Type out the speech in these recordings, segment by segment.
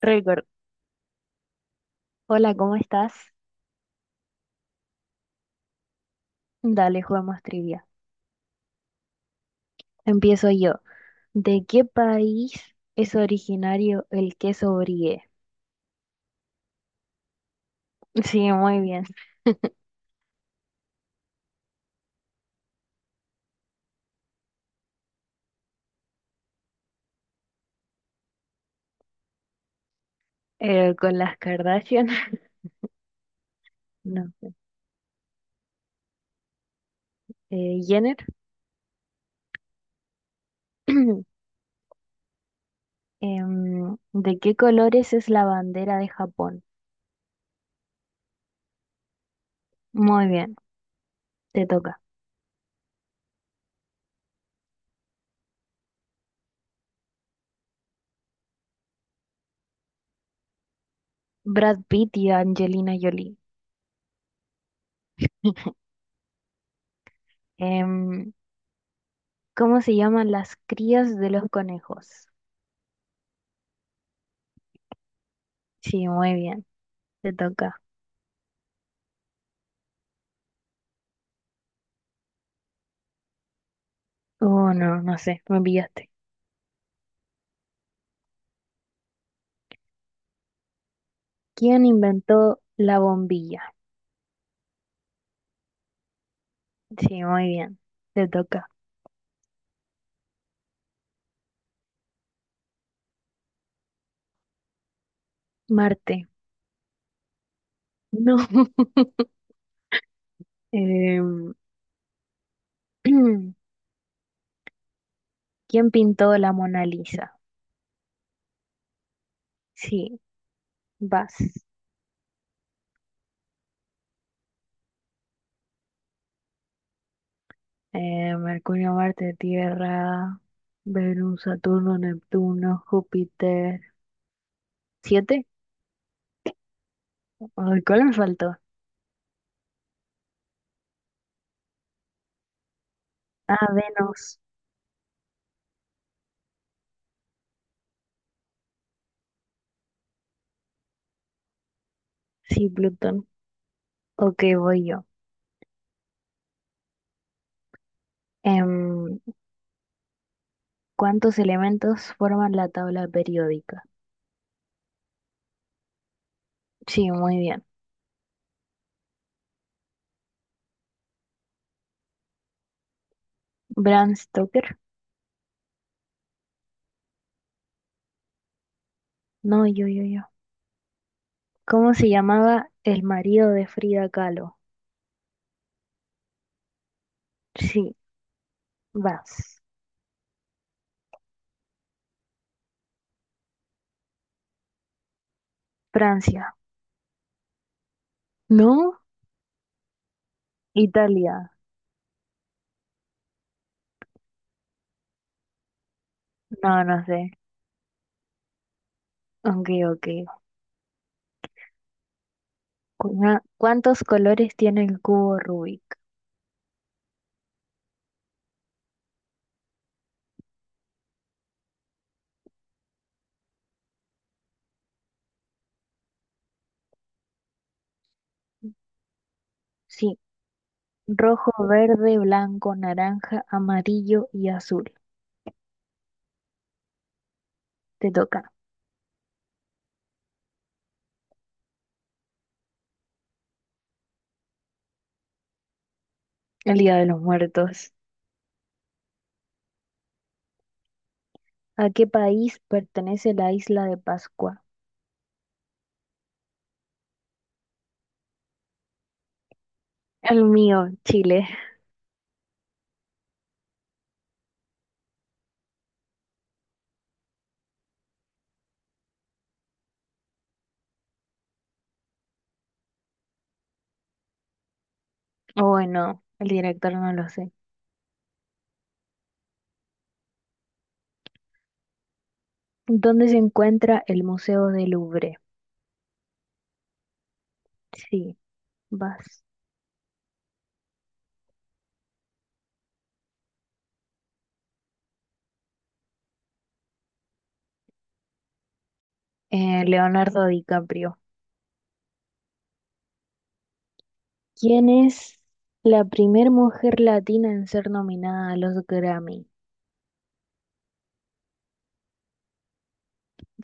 Record. Hola, ¿cómo estás? Dale, jugamos trivia. Empiezo yo. ¿De qué país es originario el queso brie? Sí, muy bien. Con las Kardashian. No sé. Jenner. ¿De qué colores es la bandera de Japón? Muy bien, te toca. Brad Pitt y Angelina Jolie. Em, ¿Cómo se llaman las crías de los conejos? Sí, muy bien, te toca. Oh, no, no sé, me pillaste. ¿Quién inventó la bombilla? Sí, muy bien. Te toca. Marte. No. Em, ¿Quién pintó la Mona Lisa? Sí, vas. Mercurio, Marte, Tierra, Venus, Saturno, Neptuno, Júpiter. ¿Siete? Ay, ¿cuál me faltó? Ah, Venus. Sí, Plutón. Ok, voy yo. Em, ¿Cuántos elementos forman la tabla periódica? Sí, muy bien. Bram Stoker. No, yo, yo, yo. ¿Cómo se llamaba el marido de Frida Kahlo? Sí, vas. Francia. ¿No? Italia. No, no sé. Ok, ok. ¿Cuántos colores tiene el cubo Rubik? Sí, rojo, verde, blanco, naranja, amarillo y azul. Te toca. El Día de los Muertos. ¿A qué país pertenece la isla de Pascua? El mío, Chile. O bueno, el director no lo sé. ¿Dónde se encuentra el Museo del Louvre? Sí, vas. Leonardo DiCaprio. ¿Quién es la primer mujer latina en ser nominada a los Grammy?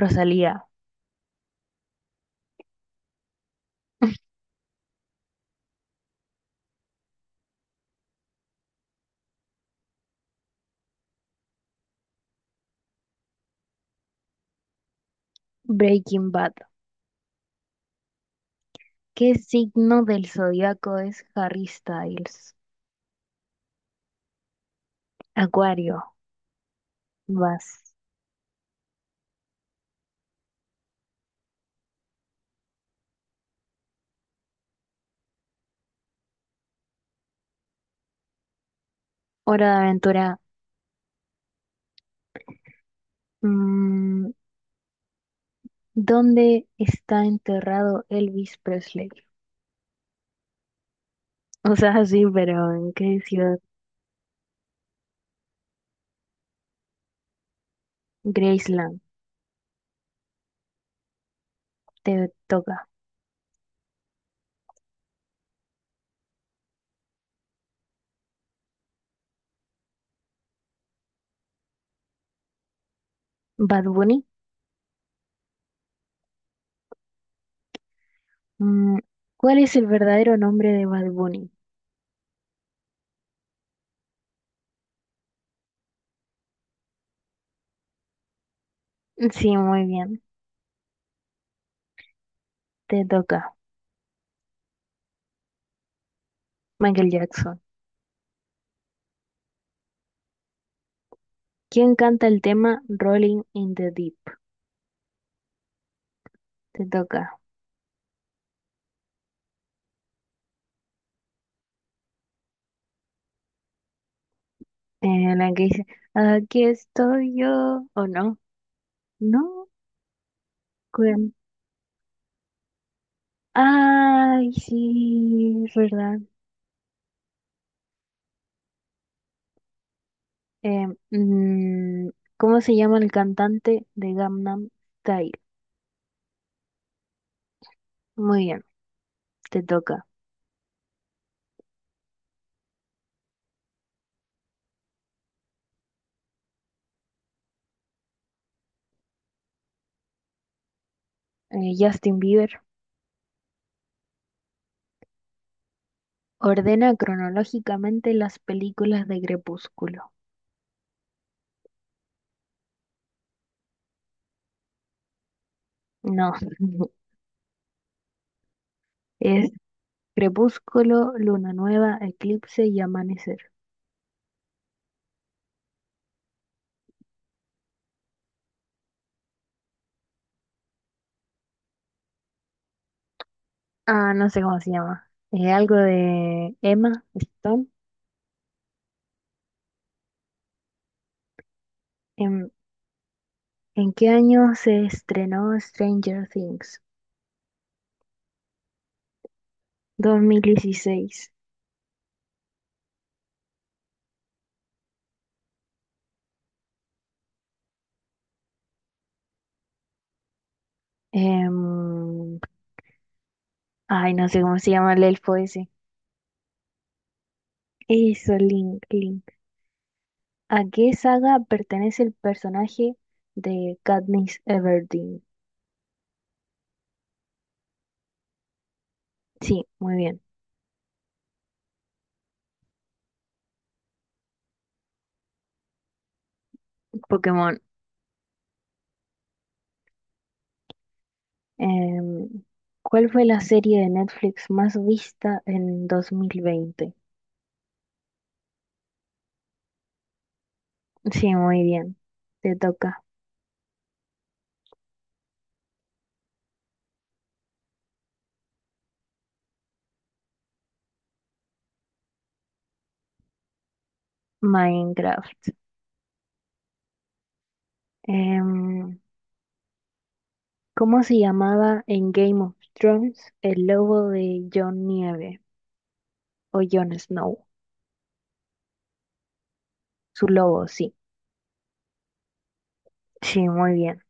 Rosalía. Breaking Bad. ¿Qué signo del zodiaco es Harry Styles? Acuario. Vas. Hora de aventura. Mm, ¿Dónde está enterrado Elvis Presley? O sea, sí, pero ¿en qué ciudad? Graceland. Te toca. Bad Bunny. Mm, ¿Cuál es el verdadero nombre de Bad Bunny? Sí, muy bien. Te toca. Michael Jackson. ¿Quién canta el tema Rolling in the Deep? Te toca. La que dice, aquí estoy yo. ¿O no? No. ¿Cuál? Ay, sí, es verdad. Eh, mm, ¿Cómo se llama el cantante de Gangnam Style? Muy bien, te toca. Justin Bieber. Ordena cronológicamente las películas de Crepúsculo. No, es Crepúsculo, Luna Nueva, Eclipse y Amanecer. Ah, no sé cómo se llama. Es algo de Emma Stone. ¿En, en qué año se estrenó Stranger Things? 2016. Em, ay, no sé cómo se llama el elfo ese. Eso, Link, Link. ¿A qué saga pertenece el personaje de Katniss Everdeen? Sí, muy bien. Pokémon. Em, ¿Cuál fue la serie de Netflix más vista en 2020? Sí, muy bien. Te toca. Minecraft. Em, ¿Cómo se llamaba en Game of Thrones el lobo de Jon Nieve o Jon Snow? Su lobo, sí. Sí, muy bien.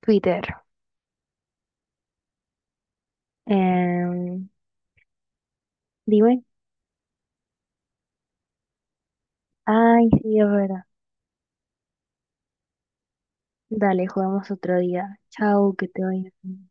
Twitter. Em, dime. Ay, sí, es verdad. Dale, jugamos otro día. Chao, que te vaya bien.